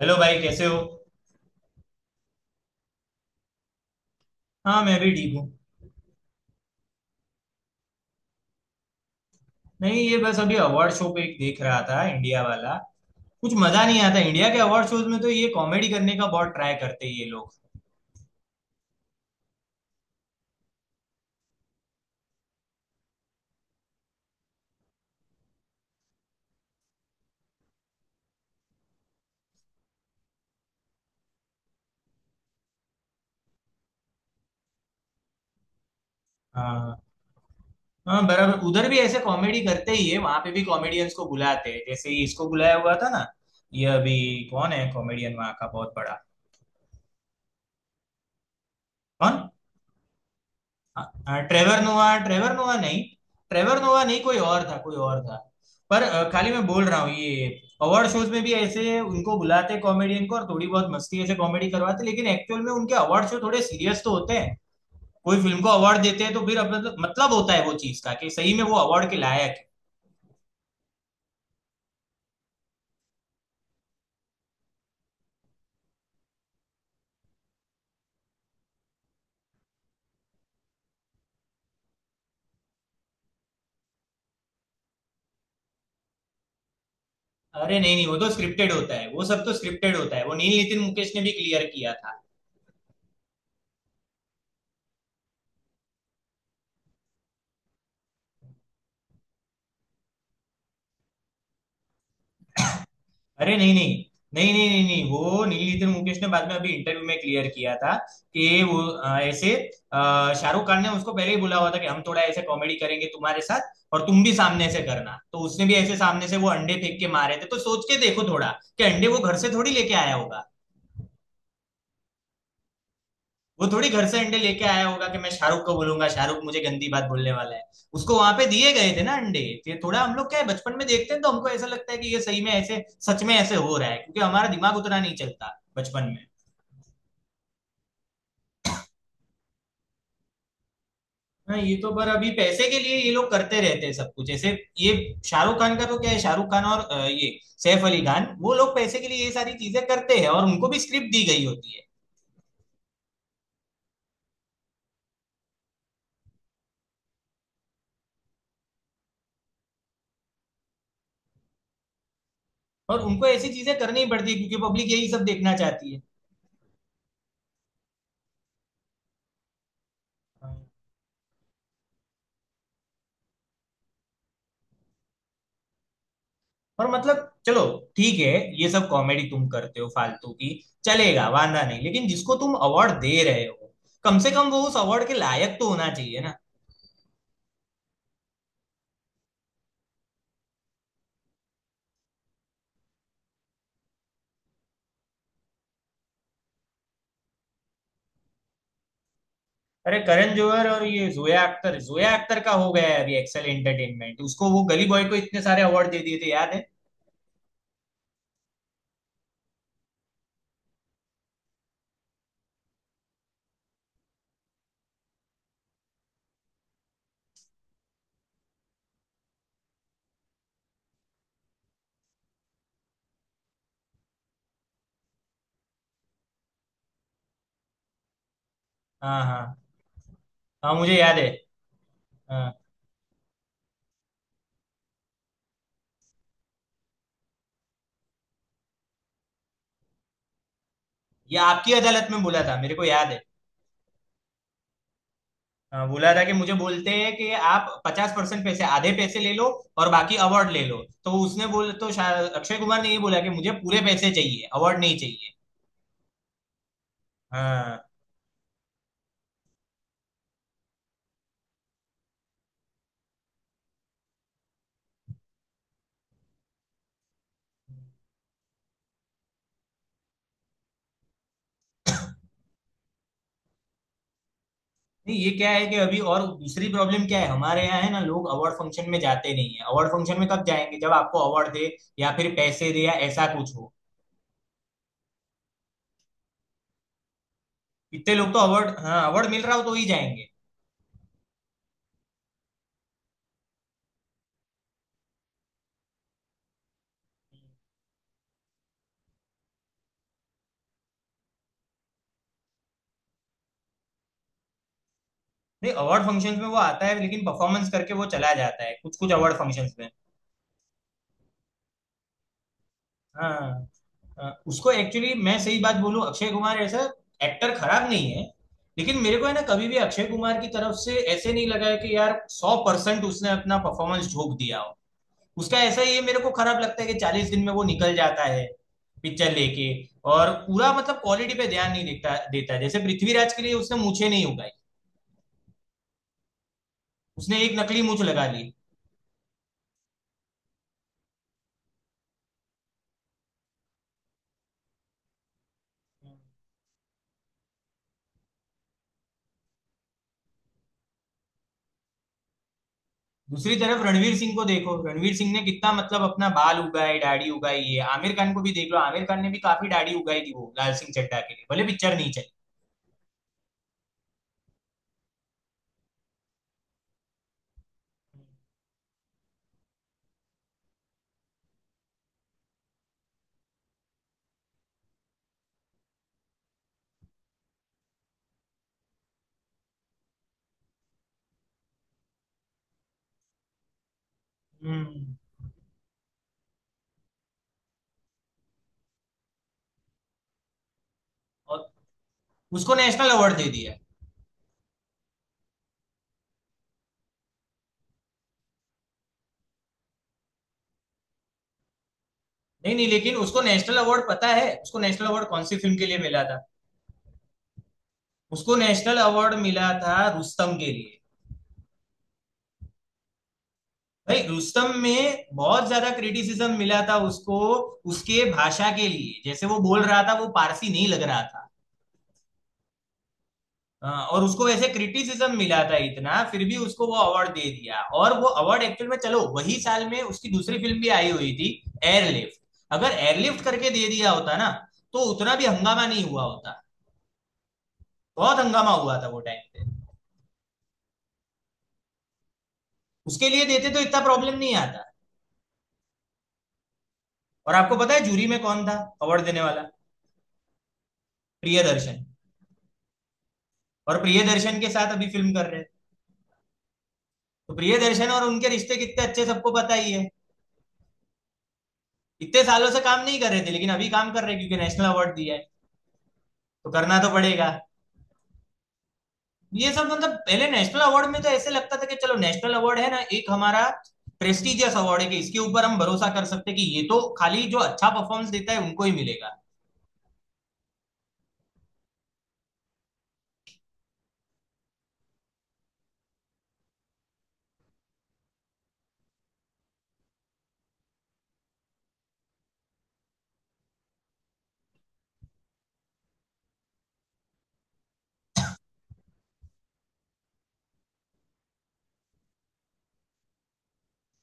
Hello भाई कैसे हो। हाँ मैं भी ठीक हूँ। नहीं ये बस अभी अवार्ड शो पे एक देख रहा था इंडिया वाला। कुछ मजा नहीं आता इंडिया के अवार्ड शोज में, तो ये कॉमेडी करने का बहुत ट्राई करते हैं ये लोग। हाँ। हाँ बराबर, उधर भी ऐसे कॉमेडी करते ही है, वहां पे भी कॉमेडियंस को बुलाते हैं, जैसे ये इसको बुलाया हुआ था ना। ये अभी कौन है कॉमेडियन वहां का बहुत बड़ा? कौन? हाँ ट्रेवर नोवा, ट्रेवर नोवा नहीं। ट्रेवर नोवा नहीं, कोई और था कोई और था। पर खाली मैं बोल रहा हूँ ये। अवार्ड शोज में भी ऐसे उनको बुलाते कॉमेडियन को, और थोड़ी बहुत मस्ती ऐसे कॉमेडी करवाते, लेकिन एक्चुअल में उनके अवार्ड शो थोड़े सीरियस तो होते हैं। कोई फिल्म को अवार्ड देते हैं तो फिर अब मतलब होता है वो चीज का कि सही में वो अवार्ड के लायक है। अरे नहीं नहीं, वो तो स्क्रिप्टेड होता है, वो सब तो स्क्रिप्टेड होता है, वो नील नितिन मुकेश ने भी क्लियर किया था। अरे नहीं नहीं नहीं नहीं नहीं नहीं, वो नीलीधर मुकेश ने बाद में अभी इंटरव्यू में क्लियर किया था कि वो ऐसे अ, शाहरुख खान ने उसको पहले ही बोला हुआ था कि हम थोड़ा ऐसे कॉमेडी करेंगे तुम्हारे साथ, और तुम भी सामने से करना, तो उसने भी ऐसे सामने से वो अंडे फेंक के मारे थे। तो सोच के देखो थोड़ा कि अंडे वो घर से थोड़ी लेके आया होगा। वो थोड़ी घर से अंडे लेके आया होगा कि मैं शाहरुख को बोलूंगा, शाहरुख मुझे गंदी बात बोलने वाला है। उसको वहां पे दिए गए थे ना अंडे। तो ये थोड़ा, हम लोग क्या है बचपन में देखते हैं तो हमको ऐसा लगता है कि ये सही में ऐसे सच में ऐसे हो रहा है, क्योंकि हमारा दिमाग उतना नहीं चलता बचपन में। हाँ ये तो, पर अभी पैसे के लिए ये लोग करते रहते हैं सब कुछ ऐसे। ये शाहरुख खान का तो क्या है, शाहरुख खान और ये सैफ अली खान, वो लोग पैसे के लिए ये सारी चीजें करते हैं, और उनको भी स्क्रिप्ट दी गई होती है। और उनको ऐसी चीजें करनी ही पड़ती है क्योंकि पब्लिक यही सब देखना चाहती है। और मतलब चलो ठीक है, ये सब कॉमेडी तुम करते हो फालतू की, चलेगा, वांदा नहीं, लेकिन जिसको तुम अवार्ड दे रहे हो, कम से कम वो उस अवार्ड के लायक तो होना चाहिए ना। अरे करण जौहर और ये जोया अख्तर, जोया अख्तर का हो गया है अभी एक्सेल एंटरटेनमेंट, उसको, वो गली बॉय को इतने सारे अवार्ड दे दिए थे याद है। हाँ हाँ। हाँ मुझे याद है। हाँ ये आपकी अदालत में बोला था, मेरे को याद है। हाँ, बोला था कि मुझे बोलते हैं कि आप 50% पैसे, आधे पैसे ले लो, और बाकी अवार्ड ले लो। तो उसने बोल तो अक्षय कुमार ने ये बोला कि मुझे पूरे पैसे चाहिए, अवार्ड नहीं चाहिए। हाँ। नहीं ये क्या है कि अभी और दूसरी प्रॉब्लम क्या है हमारे यहाँ, है ना, लोग अवार्ड फंक्शन में जाते नहीं है। अवार्ड फंक्शन में कब जाएंगे, जब आपको अवार्ड दे, या फिर पैसे दे, या ऐसा कुछ हो। इतने लोग तो अवार्ड, हाँ अवार्ड मिल रहा हो तो ही जाएंगे। नहीं अवार्ड फंक्शन में वो आता है, लेकिन परफॉर्मेंस करके वो चला जाता है कुछ कुछ अवार्ड फंक्शन में। हाँ उसको एक्चुअली, मैं सही बात बोलूं, अक्षय कुमार ऐसा एक्टर खराब नहीं है, लेकिन मेरे को है ना कभी भी अक्षय कुमार की तरफ से ऐसे नहीं लगा है कि यार 100% उसने अपना परफॉर्मेंस झोंक दिया हो। उसका ऐसा ये मेरे को खराब लगता है कि 40 दिन में वो निकल जाता है पिक्चर लेके, और पूरा मतलब क्वालिटी पे ध्यान नहीं देता देता है। जैसे पृथ्वीराज के लिए उसने मूछें नहीं उगाई, उसने एक नकली मूछ लगा ली। दूसरी तरफ रणवीर सिंह को देखो, रणवीर सिंह ने कितना मतलब अपना बाल उगाए, दाढ़ी उगाई है। आमिर खान को भी देख लो, आमिर खान ने भी काफी दाढ़ी उगाई थी वो लाल सिंह चड्ढा के लिए, भले पिक्चर नहीं चली। हम्म। और उसको नेशनल अवार्ड दे दिया। नहीं नहीं, लेकिन उसको नेशनल अवार्ड पता है उसको नेशनल अवार्ड कौन सी फिल्म के लिए मिला था? उसको नेशनल अवार्ड मिला था रुस्तम के लिए। भाई रुस्तम में बहुत ज्यादा क्रिटिसिज्म मिला था उसको, उसके भाषा के लिए, जैसे वो बोल रहा था वो पारसी नहीं लग रहा था। हाँ, और उसको वैसे क्रिटिसिज्म मिला था इतना, फिर भी उसको वो अवार्ड दे दिया। और वो अवार्ड एक्चुअल में, चलो वही साल में उसकी दूसरी फिल्म भी आई हुई थी, एयरलिफ्ट। अगर एयरलिफ्ट करके दे दिया होता ना तो उतना भी हंगामा नहीं हुआ होता। बहुत हंगामा हुआ था वो टाइम पे। उसके लिए देते तो इतना प्रॉब्लम नहीं आता। और आपको पता है जूरी में कौन था अवार्ड देने वाला? प्रियदर्शन। और प्रियदर्शन के साथ अभी फिल्म कर रहे हैं। तो प्रियदर्शन और उनके रिश्ते कितने अच्छे सबको पता ही है। इतने सालों से काम नहीं कर रहे थे, लेकिन अभी काम कर रहे हैं क्योंकि नेशनल अवार्ड दिया है, तो करना तो पड़ेगा। ये सब मतलब पहले नेशनल अवार्ड में तो ऐसे लगता था कि चलो नेशनल अवार्ड है ना एक हमारा प्रेस्टिजियस अवार्ड है, कि इसके ऊपर हम भरोसा कर सकते हैं कि ये तो खाली जो अच्छा परफॉर्मेंस देता है उनको ही मिलेगा।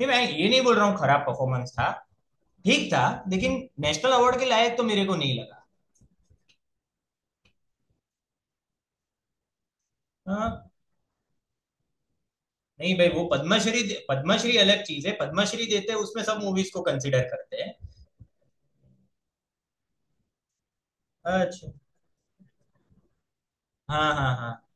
नहीं मैं ये नहीं बोल रहा हूँ खराब परफॉर्मेंस था, ठीक था, लेकिन नेशनल अवार्ड के लायक तो मेरे को नहीं लगा। हाँ। नहीं भाई, वो पद्मश्री, पद्मश्री अलग चीज है, पद्मश्री देते हैं उसमें सब मूवीज को कंसिडर करते हैं। अच्छा। हाँ हाँ हाँ।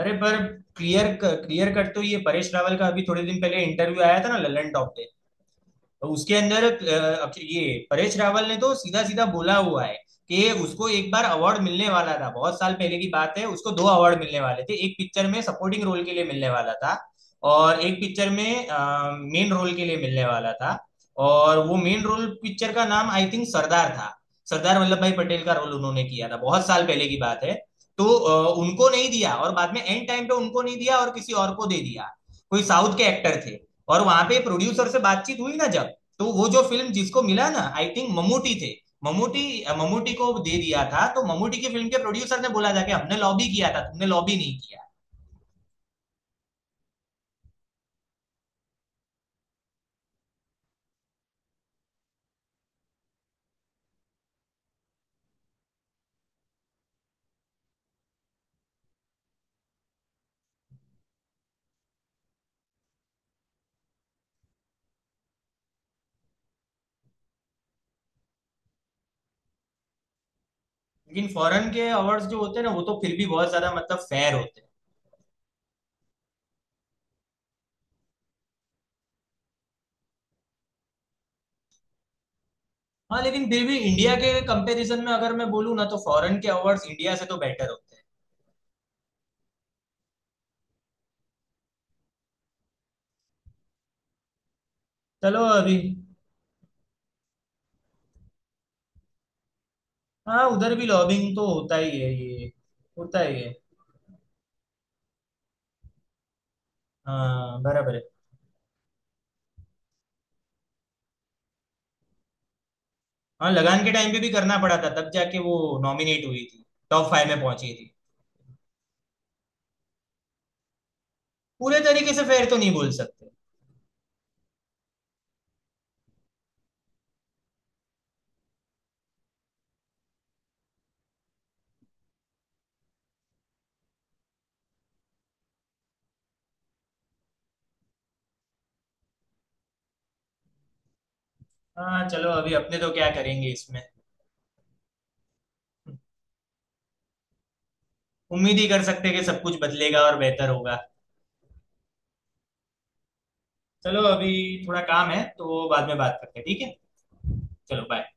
अरे पर क्लियर क्लियर कट तो ये परेश रावल का अभी थोड़े दिन पहले इंटरव्यू आया था ना ललन टॉप पे। तो उसके अंदर ये परेश रावल ने तो सीधा सीधा बोला हुआ है कि उसको एक बार अवार्ड मिलने वाला था, बहुत साल पहले की बात है, उसको दो अवार्ड मिलने वाले थे। एक पिक्चर में सपोर्टिंग रोल के लिए मिलने वाला था, और एक पिक्चर में मेन रोल के लिए मिलने वाला था। और वो मेन रोल पिक्चर का नाम आई थिंक सरदार था। सरदार वल्लभ भाई पटेल का रोल उन्होंने किया था, बहुत साल पहले की बात है। तो उनको नहीं दिया, और बाद में एंड टाइम पे उनको नहीं दिया और किसी और को दे दिया, कोई साउथ के एक्टर थे। और वहां पे प्रोड्यूसर से बातचीत हुई ना जब, तो वो जो फिल्म जिसको मिला ना आई थिंक ममूटी थे, ममूटी। ममूटी को दे दिया था, तो ममूटी की फिल्म के प्रोड्यूसर ने बोला था कि हमने लॉबी किया था, तुमने लॉबी नहीं किया। लेकिन फॉरेन के अवार्ड्स जो होते हैं ना, वो तो फिर भी बहुत ज्यादा मतलब फेयर होते हैं। हाँ लेकिन फिर भी इंडिया के कंपैरिजन में अगर मैं बोलूँ ना, तो फॉरेन के अवार्ड्स इंडिया से तो बेटर होते हैं। चलो अभी। हाँ उधर भी लॉबिंग तो होता ही है, ये होता ही है। हाँ बराबर है। हाँ लगान के टाइम पे भी करना पड़ा था, तब जाके वो नॉमिनेट हुई थी, टॉप 5 में पहुंची थी। पूरे तरीके से फेयर तो नहीं बोल सकते। हाँ चलो अभी अपने तो क्या करेंगे इसमें, उम्मीद ही कर सकते हैं कि सब कुछ बदलेगा और बेहतर होगा। चलो अभी थोड़ा काम है तो बाद में बात करते हैं, ठीक है। चलो बाय।